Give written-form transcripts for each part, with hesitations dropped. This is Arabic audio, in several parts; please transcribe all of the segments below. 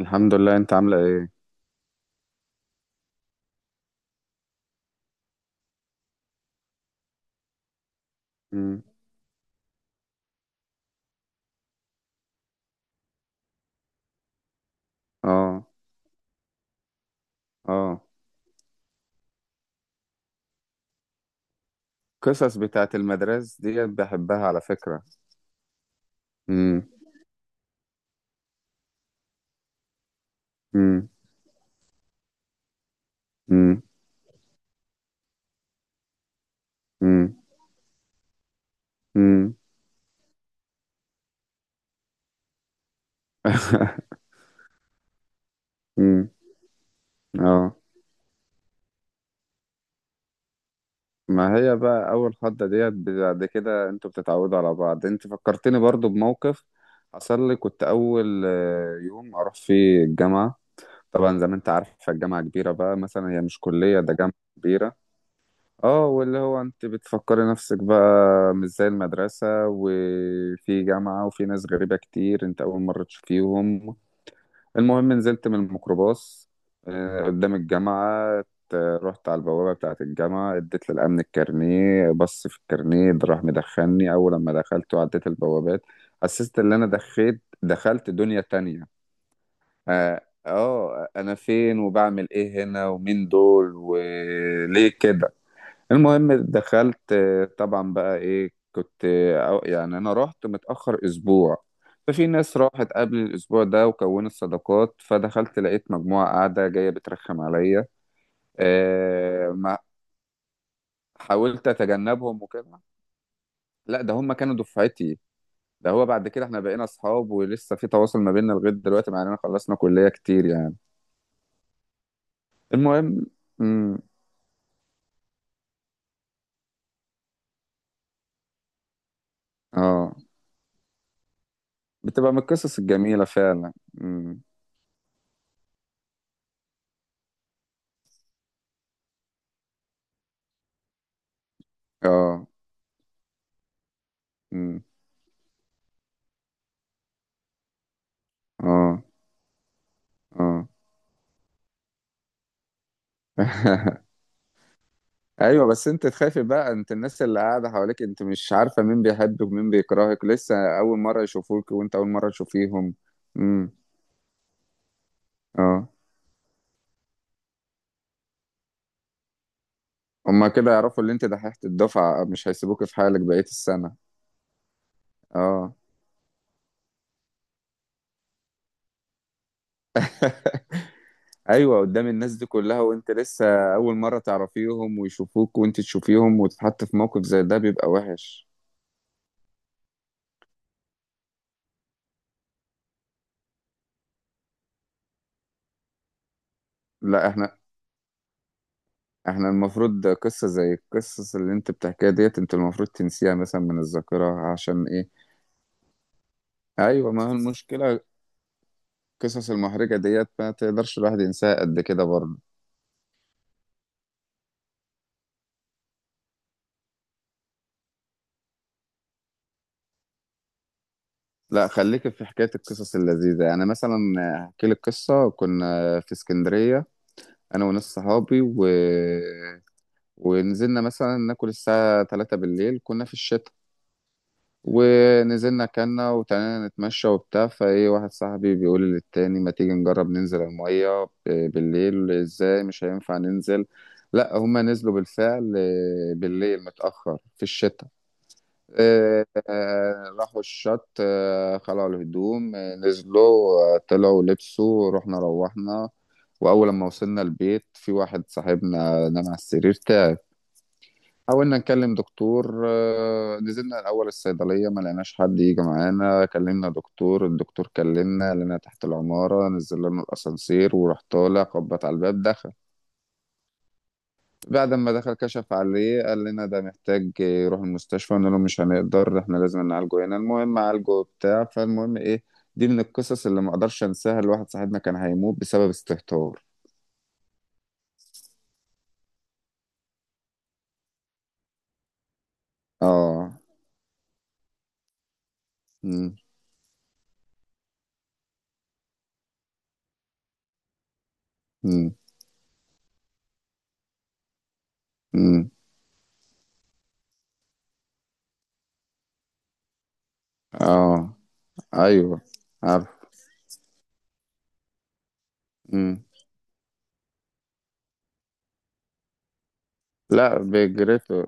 الحمد لله، انت عاملة ايه؟ مم. اه، اه. قصص بتاعت المدرسة دي بحبها على فكرة. مم. مم. مم. مم. مم. مم. اه. ما هي بقى اول خضة ديت، بعد كده انتوا بتتعودوا على بعض. انت فكرتني برضو بموقف حصل لي. كنت اول يوم اروح فيه الجامعة. طبعا زي ما انت عارفة الجامعة كبيرة بقى، مثلا هي مش كلية، ده جامعة كبيرة. اه، واللي هو انت بتفكري نفسك بقى مش زي المدرسة، وفي جامعة وفي ناس غريبة كتير انت اول مرة تشوفيهم. المهم نزلت من الميكروباص قدام الجامعة. رحت على البوابة بتاعة الجامعة، اديت للأمن الكارنيه، بص في الكارنيه ده راح مدخلني. أول لما دخلت وعديت البوابات حسيت إن أنا دخلت دنيا تانية. آه. أنا فين وبعمل إيه هنا؟ ومين دول؟ وليه كده؟ المهم دخلت. طبعا بقى ايه كنت يعني انا رحت متأخر اسبوع. ففي ناس راحت قبل الاسبوع ده وكونت صداقات، فدخلت لقيت مجموعة قاعدة جاية بترخم عليا. ما حاولت اتجنبهم وكده. لا، ده هم كانوا دفعتي. ده هو بعد كده احنا بقينا اصحاب ولسه في تواصل ما بيننا لغاية دلوقتي، مع اننا خلصنا كلية كتير يعني. المهم. امم. اه. بتبقى من القصص الجميلة فعلا. امم. اه. امم. اه. اه. ايوه، بس انت تخافي بقى، انت الناس اللي قاعده حواليك انت مش عارفه مين بيحبك ومين بيكرهك، لسه اول مره يشوفوك وانت اول مره تشوفيهم. امم. اه. هما كده يعرفوا اللي انت دحيحه الدفعه، مش هيسيبوك في حالك بقيه السنه. اه. ايوه، قدام الناس دي كلها وانت لسه اول مره تعرفيهم ويشوفوك وانت تشوفيهم، وتتحط في موقف زي ده بيبقى وحش. لا، احنا المفروض قصه زي القصص اللي انت بتحكيها ديت انت المفروض تنسيها مثلا من الذاكره، عشان ايه؟ ايوه، ما هو المشكله، القصص المحرجة ديت ما تقدرش الواحد ينساها قد كده برضه. لا، خليك في حكاية القصص اللذيذة. يعني مثلا احكي لك قصة كنا في اسكندرية انا وناس صحابي ونزلنا مثلا ناكل الساعة 3 بالليل، كنا في الشتاء. ونزلنا كنا وتعالى نتمشى وبتاع، فايه واحد صاحبي بيقول للتاني: ما تيجي نجرب ننزل المية؟ بالليل ازاي؟ مش هينفع ننزل. لا، هما نزلوا بالفعل. بالليل متأخر في الشتاء. راحوا الشط، خلعوا الهدوم، نزلوا، طلعوا لبسوا، رحنا روحنا. وأول لما وصلنا البيت في واحد صاحبنا نام على السرير تعب. حاولنا نكلم دكتور. نزلنا الأول الصيدلية، ما لقيناش حد يجي معانا، كلمنا دكتور. الدكتور كلمنا لنا تحت العمارة، نزل لنا الأسانسير وراح طالع، خبط على الباب دخل. بعد ما دخل كشف عليه، قال لنا ده محتاج يروح المستشفى. قلنا له مش هنقدر، احنا لازم نعالجه هنا. المهم عالجه بتاع. فالمهم ايه، دي من القصص اللي ما اقدرش انساها. الواحد صاحبنا كان هيموت بسبب استهتار. اه. امم. امم. امم. اه. ايوه. عارف. امم. لا، بجريته.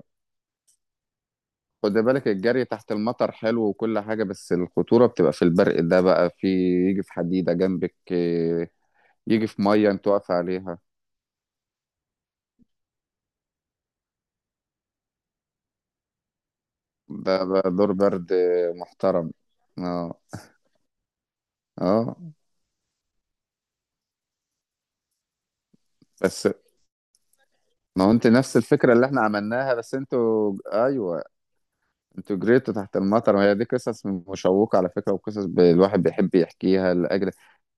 خد بالك، الجري تحت المطر حلو وكل حاجة، بس الخطورة بتبقى في البرق. ده بقى في، يجي في حديدة جنبك، يجي في مية انت واقف عليها. ده دور برد محترم. اه، اه، بس. ما هو انت نفس الفكرة اللي احنا عملناها، بس انتوا ايوه. انتوا جريتوا تحت المطر، وهي دي قصص مشوقة على فكرة، وقصص الواحد بيحب يحكيها لأجل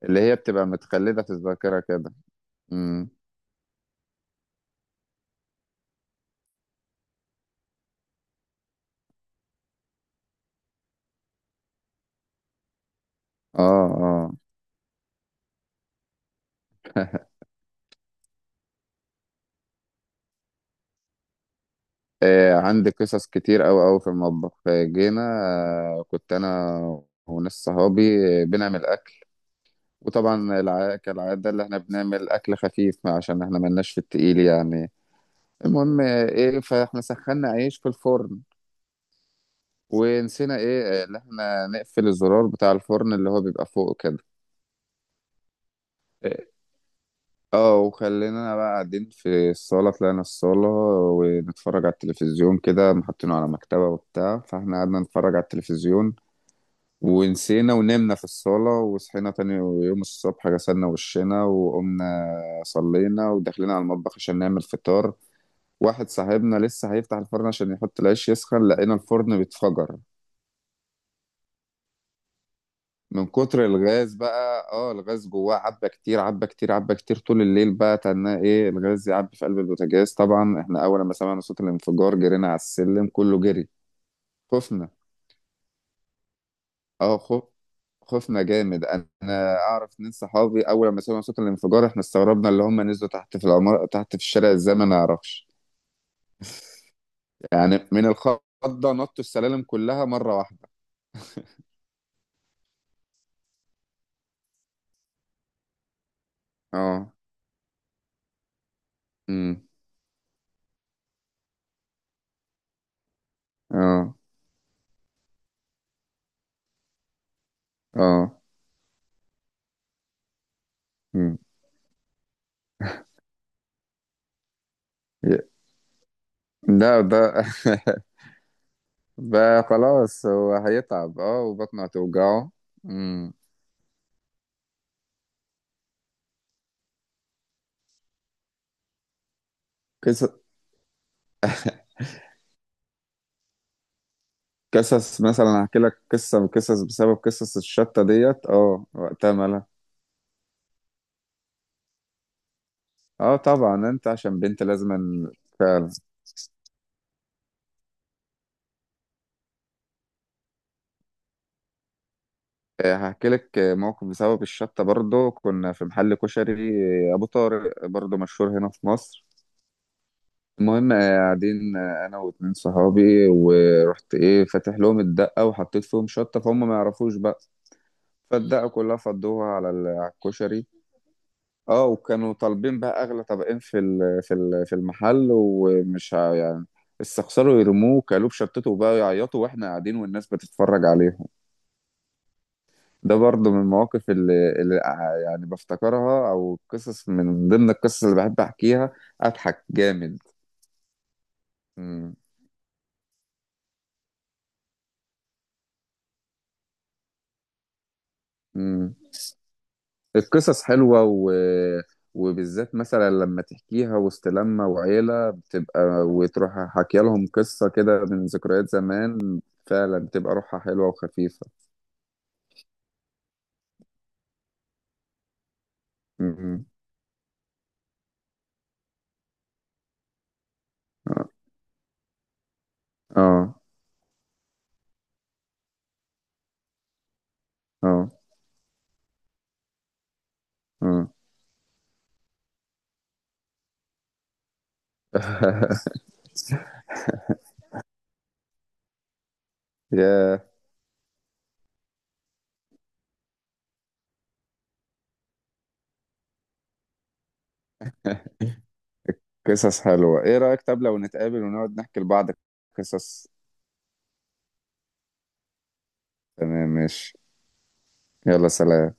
اللي هي بتبقى متخلدة في الذاكرة كده. امم. اه. اه. عندي قصص كتير أوي أوي في المطبخ. آه، جينا آه، كنت أنا وناس صحابي بنعمل. وطبعا كالعادة اللي احنا بنعمل أكل خفيف عشان احنا ملناش في التقيل يعني. المهم ايه، فاحنا سخنا عيش في الفرن ونسينا ايه اللي احنا نقفل الزرار بتاع الفرن اللي هو بيبقى فوق كده. إيه، اه، وخلينا بقى قاعدين في الصالة، طلعنا الصالة ونتفرج على التلفزيون كده محطينه على مكتبة وبتاع، فاحنا قعدنا نتفرج على التلفزيون ونسينا ونمنا في الصالة. وصحينا تاني يوم الصبح، غسلنا وشنا وقمنا صلينا ودخلنا على المطبخ عشان نعمل فطار. واحد صاحبنا لسه هيفتح الفرن عشان يحط العيش يسخن، لقينا الفرن بيتفجر. من كتر الغاز بقى، اه، الغاز جواه عبى كتير عبى كتير عبى كتير طول الليل، بقى تناه ايه الغاز يعبي في قلب البوتاجاز. طبعا احنا اول ما سمعنا صوت الانفجار جرينا على السلم كله جري. خفنا، اه، خوفنا جامد. انا اعرف اتنين صحابي اول ما سمعوا صوت الانفجار، احنا استغربنا اللي هم نزلوا تحت في العمارة تحت في الشارع ازاي، ما نعرفش. يعني من الخضة نطوا السلالم كلها مرة واحدة. اه. امم. اه. اه. مم. ي- لا، ده ده خلاص، هو هيتعب، اه، وبطنه هتوجعه. مم. قصص. قصص مثلا هحكي لك قصة، من قصص بسبب قصص الشطة ديت، اه، وقتها مالها. اه، طبعا انت عشان بنت لازم. فعلا. هحكي لك موقف بسبب الشطة برضو. كنا في محل كشري أبو طارق، برضو مشهور هنا في مصر. المهم قاعدين أنا واتنين صحابي، ورحت فاتح لهم الدقة وحطيت فيهم شطة، فهم ما يعرفوش بقى. فالدقة كلها فضوها على الكشري. اه، وكانوا طالبين بقى اغلى طبقين في المحل، يعني استخسروا يرموه، كلوب شطته، بقى يعيطوا واحنا قاعدين والناس بتتفرج عليهم. ده برضه من المواقف اللي يعني بفتكرها، او قصص من ضمن القصص اللي بحب احكيها. اضحك جامد. امم. القصص حلوة وبالذات مثلا لما تحكيها وسط لمة وعيلة بتبقى، وتروح حكي لهم قصة كده من ذكريات زمان. فعلا بتبقى روحها حلوة وخفيفة. م. اه. اه. اه. يا. قصص حلوة. ايه رأيك طب لو نتقابل ونقعد نحكي لبعض قصص؟ تمام، ماشي. يلا، سلام.